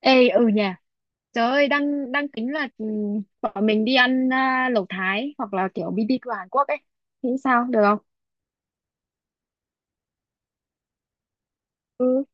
Ê, ừ nhỉ. Trời ơi, đang đang tính là bọn mình đi ăn, à, lẩu Thái hoặc là kiểu BBQ Hàn Quốc ấy, thì sao được không? Ừ.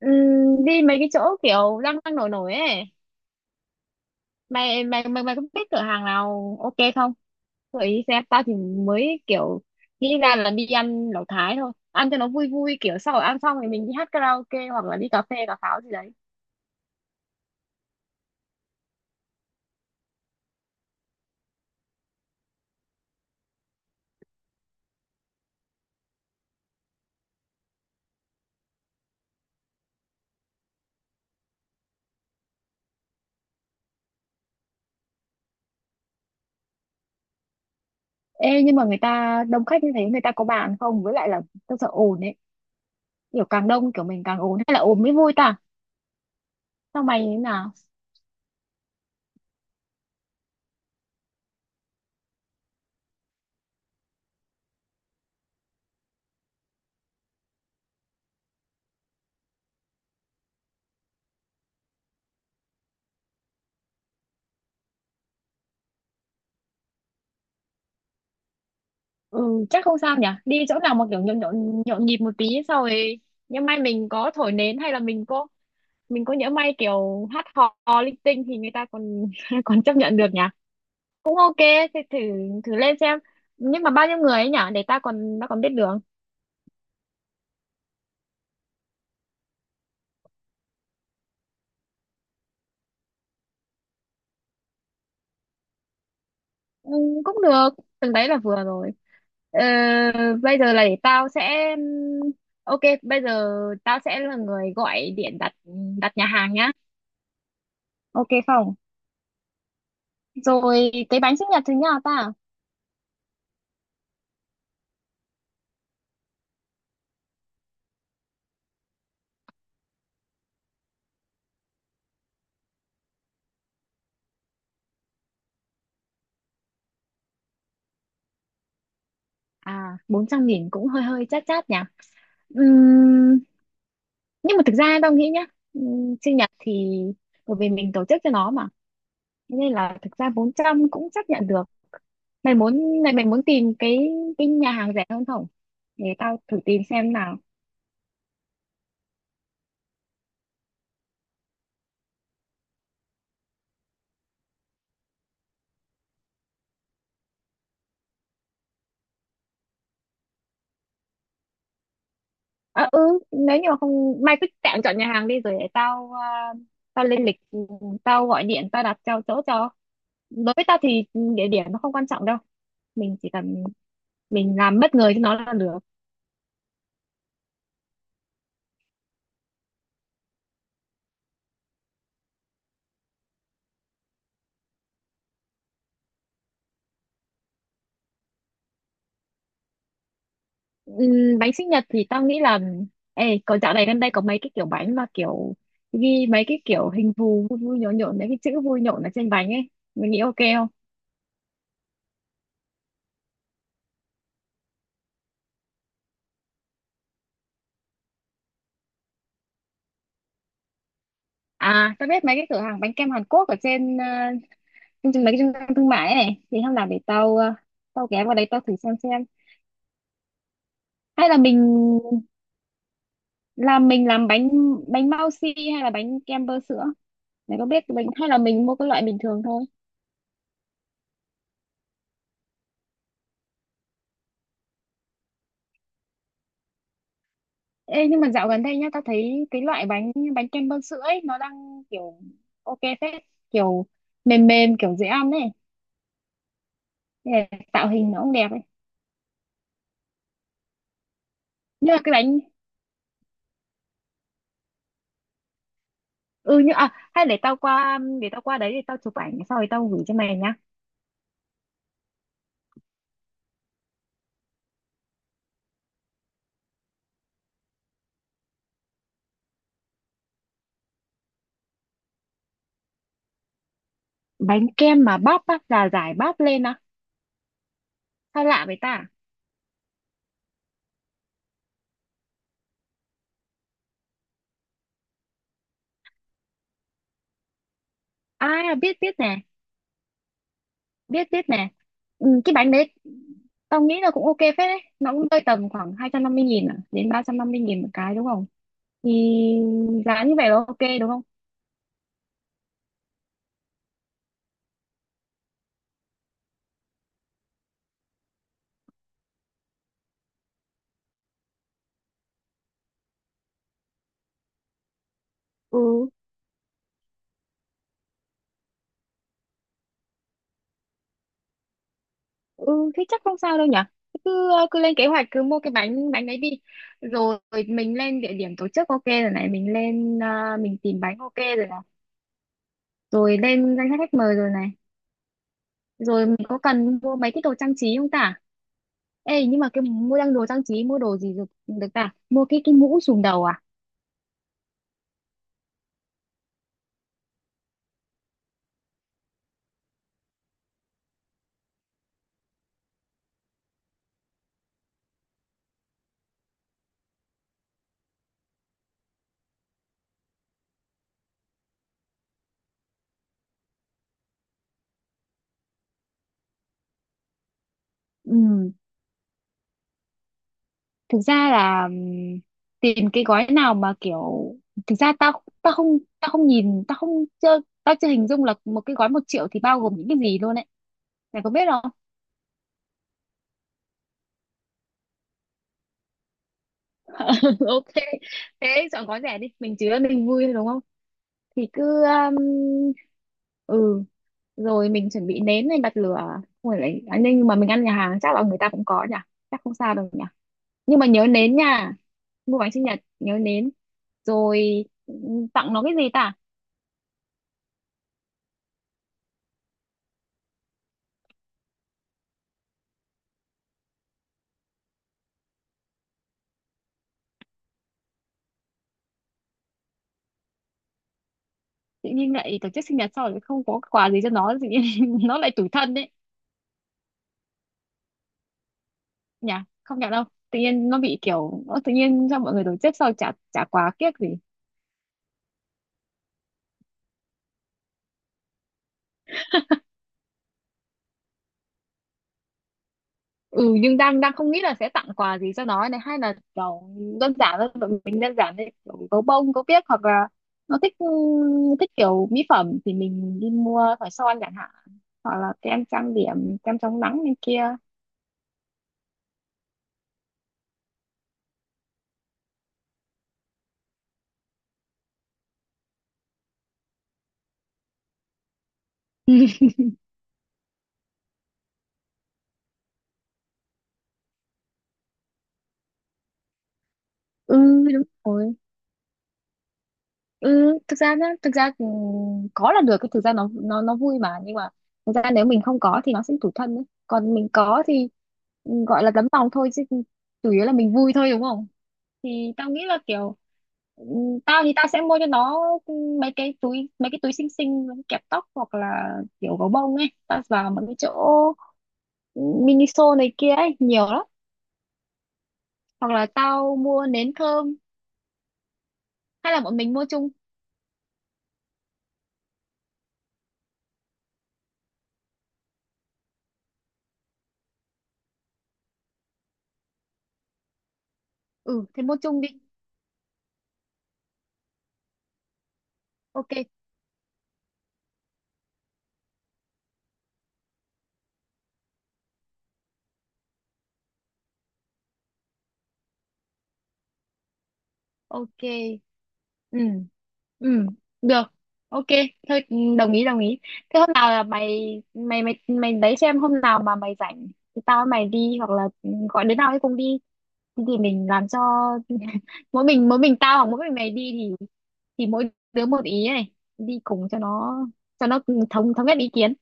Đi mấy cái chỗ kiểu đang đang nổi nổi ấy. Mày mày mày mày có biết cửa hàng nào ok không? Gợi ý xem. Tao thì mới kiểu nghĩ ra là đi ăn lẩu Thái thôi, ăn cho nó vui vui, kiểu sau rồi ăn xong thì mình đi hát karaoke hoặc là đi cà phê cà pháo gì đấy. Ê, nhưng mà người ta đông khách như thế người ta có bàn không, với lại là tao sợ ồn ấy, kiểu càng đông kiểu mình càng ồn, hay là ồn mới vui ta? Sau mày thế nào? Ừ, chắc không sao nhỉ? Đi chỗ nào mà kiểu nhộn nhộn, nhộn nhịp một tí, sau rồi nhỡ may mình có thổi nến hay là mình có, mình có nhỡ may kiểu hát hò, hò linh tinh thì người ta còn còn chấp nhận được nhỉ? Cũng ok, thì thử thử lên xem. Nhưng mà bao nhiêu người ấy nhỉ? Để ta còn, ta còn biết đường. Ừ, cũng được, từng đấy là vừa rồi. Ờ, bây giờ là để tao sẽ ok, bây giờ tao sẽ là người gọi điện đặt đặt nhà hàng nhá. Ok không? Rồi cái bánh sinh nhật thì như nào ta? À, 400.000 cũng hơi hơi chát chát nhỉ. Ừm, nhưng mà thực ra tao nghĩ nhá, sinh nhật thì bởi vì mình tổ chức cho nó mà. Thế nên là thực ra 400 cũng chấp nhận được. Mày muốn, mày muốn tìm cái nhà hàng rẻ hơn không? Để tao thử tìm xem nào. À, ừ, nếu như mà không mày cứ tạm chọn nhà hàng đi rồi để tao tao lên lịch, tao gọi điện, tao đặt cho chỗ cho. Đối với tao thì địa điểm nó không quan trọng đâu. Mình chỉ cần mình làm bất ngờ cho nó là được. Bánh sinh nhật thì tao nghĩ là, ê, có dạo này gần đây có mấy cái kiểu bánh mà kiểu ghi mấy cái kiểu hình thù vui vui nhộn nhộn, mấy cái chữ vui nhộn ở trên bánh ấy, mình nghĩ ok không? À, tao biết mấy cái cửa hàng bánh kem Hàn Quốc ở trên trên trên mấy cái trung tâm thương mại ấy này, thì hôm nào để tao tao ghé vào đấy tao thử xem. Hay là mình làm, mình làm bánh, bánh bao xi hay là bánh kem bơ sữa, mày có biết bánh, hay là mình mua cái loại bình thường thôi? Ê, nhưng mà dạo gần đây nhá, tao thấy cái loại bánh, bánh kem bơ sữa ấy nó đang kiểu ok phết, kiểu mềm mềm kiểu dễ ăn ấy. Thế là tạo hình nó cũng đẹp ấy. Như là cái bánh, ừ, như, à, hay để tao qua, để tao qua đấy để tao chụp ảnh sau rồi tao gửi cho mày nhá. Bánh kem mà bắp á, là rải bắp lên á, sao lạ vậy ta? À à, biết biết nè, biết biết nè. Ừ, cái bánh đấy tao nghĩ là cũng ok phết đấy, nó cũng rơi tầm khoảng 250.000 à, đến 350.000 một cái, đúng không? Thì giá như vậy là ok đúng không? Ừ. Ừ, thế chắc không sao đâu nhở, cứ lên kế hoạch, cứ mua cái bánh, bánh đấy đi, rồi mình lên địa điểm tổ chức ok rồi này, mình lên, mình tìm bánh ok rồi này, rồi lên danh sách khách mời rồi này, rồi mình có cần mua mấy cái đồ trang trí không ta? Ê nhưng mà cái mua, đang đồ trang trí, mua đồ gì được được ta, mua cái mũ trùm đầu à? Ừ, thực ra là tìm cái gói nào mà kiểu, thực ra tao tao không, tao không nhìn, tao không, chưa, tao chưa hình dung là một cái gói 1.000.000 thì bao gồm những cái gì luôn ấy, mày có biết không? Ok, thế chọn gói rẻ đi, mình chứa mình vui thôi đúng không? Thì cứ, ừ, rồi mình chuẩn bị nến này, bật lửa. Ôi, lại à, nhưng mà mình ăn nhà hàng chắc là người ta cũng có nhỉ, chắc không sao đâu nhỉ, nhưng mà nhớ nến nha, mua bánh sinh nhật nhớ nến. Rồi tặng nó cái gì ta? Tự nhiên lại tổ chức sinh nhật sau rồi không có quà gì cho nó, tự nhiên nó lại tủi thân đấy nhỉ, không nhận đâu, tự nhiên nó bị kiểu, nó tự nhiên cho mọi người tổ chức sau chả, chả quà kiếc gì. Ừ, nhưng đang đang không nghĩ là sẽ tặng quà gì cho nó này, hay là kiểu đơn giản thôi, tụi mình đơn giản thôi kiểu gấu bông gấu biếc, hoặc là nó thích, thích kiểu mỹ phẩm thì mình đi mua khỏi son chẳng hạn, hoặc là kem trang điểm, kem chống nắng này kia. Ừ, đúng rồi. Ừ, thực ra nhá, thực ra, có là được, cái thực ra nó, nó vui mà, nhưng mà thực ra nếu mình không có thì nó sẽ tủi thân ấy. Còn mình có thì, ừ, gọi là tấm lòng thôi chứ chủ yếu là mình vui thôi đúng không? Thì tao nghĩ là kiểu, ừ, tao thì tao sẽ mua cho nó, ừ, mấy cái túi, mấy cái túi xinh xinh, kẹp tóc hoặc là kiểu gấu bông ấy, tao vào mấy cái chỗ, ừ, Miniso này kia ấy nhiều lắm, hoặc là tao mua nến thơm, hay là bọn mình mua chung? Ừ, thế mua chung đi. Ok. Ok. Ừ. Ừ. Được. Ok. Thôi, đồng ý đồng ý. Thế hôm nào là mày mày mày mày đấy, xem hôm nào mà mày rảnh thì tao với mày đi, hoặc là, gọi đứa nào ấy cùng đi, thì mình làm cho mỗi mình tao hoặc mỗi mình mày đi thì mỗi đứa một ý này, đi cùng cho nó, cho nó thống thống nhất ý kiến.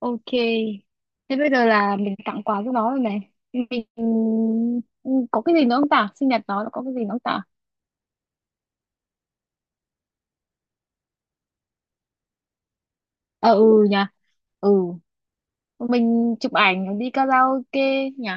Ok, thế bây giờ là mình tặng quà cho nó rồi này, mình, ừ, có cái gì nữa không ta, sinh nhật nó có cái gì nữa không ta? Ờ ừ nhỉ. Ừ, mình chụp ảnh đi karaoke nhỉ.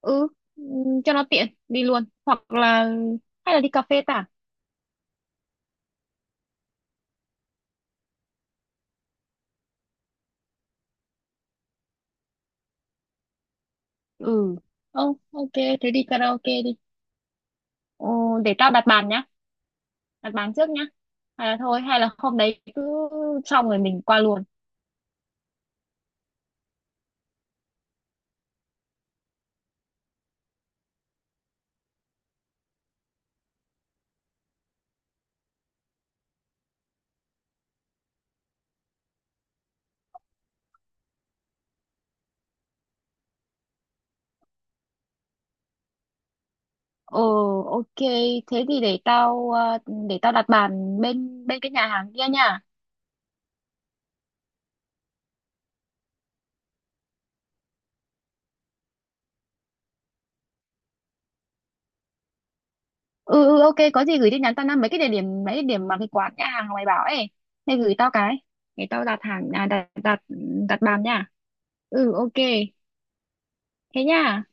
Ừ. Cho nó tiện đi luôn, hoặc là hay là đi cà phê ta? Ừ. Ồ, ok, thế đi karaoke đi. Ồ, để tao đặt bàn nhá, đặt bàn trước nhá, hay là thôi, hay là hôm đấy cứ xong rồi mình qua luôn. Ừ. Ok, thế thì để tao, để tao đặt bàn bên, bên cái nhà hàng kia nha. Ừ. Ừ, ok, có gì gửi tin nhắn tao năm mấy cái địa điểm, mấy cái điểm mà cái quán nhà hàng mày bảo ấy, mày gửi tao cái để tao đặt, đặt, đặt bàn nha. Ừ. Ok, thế nha.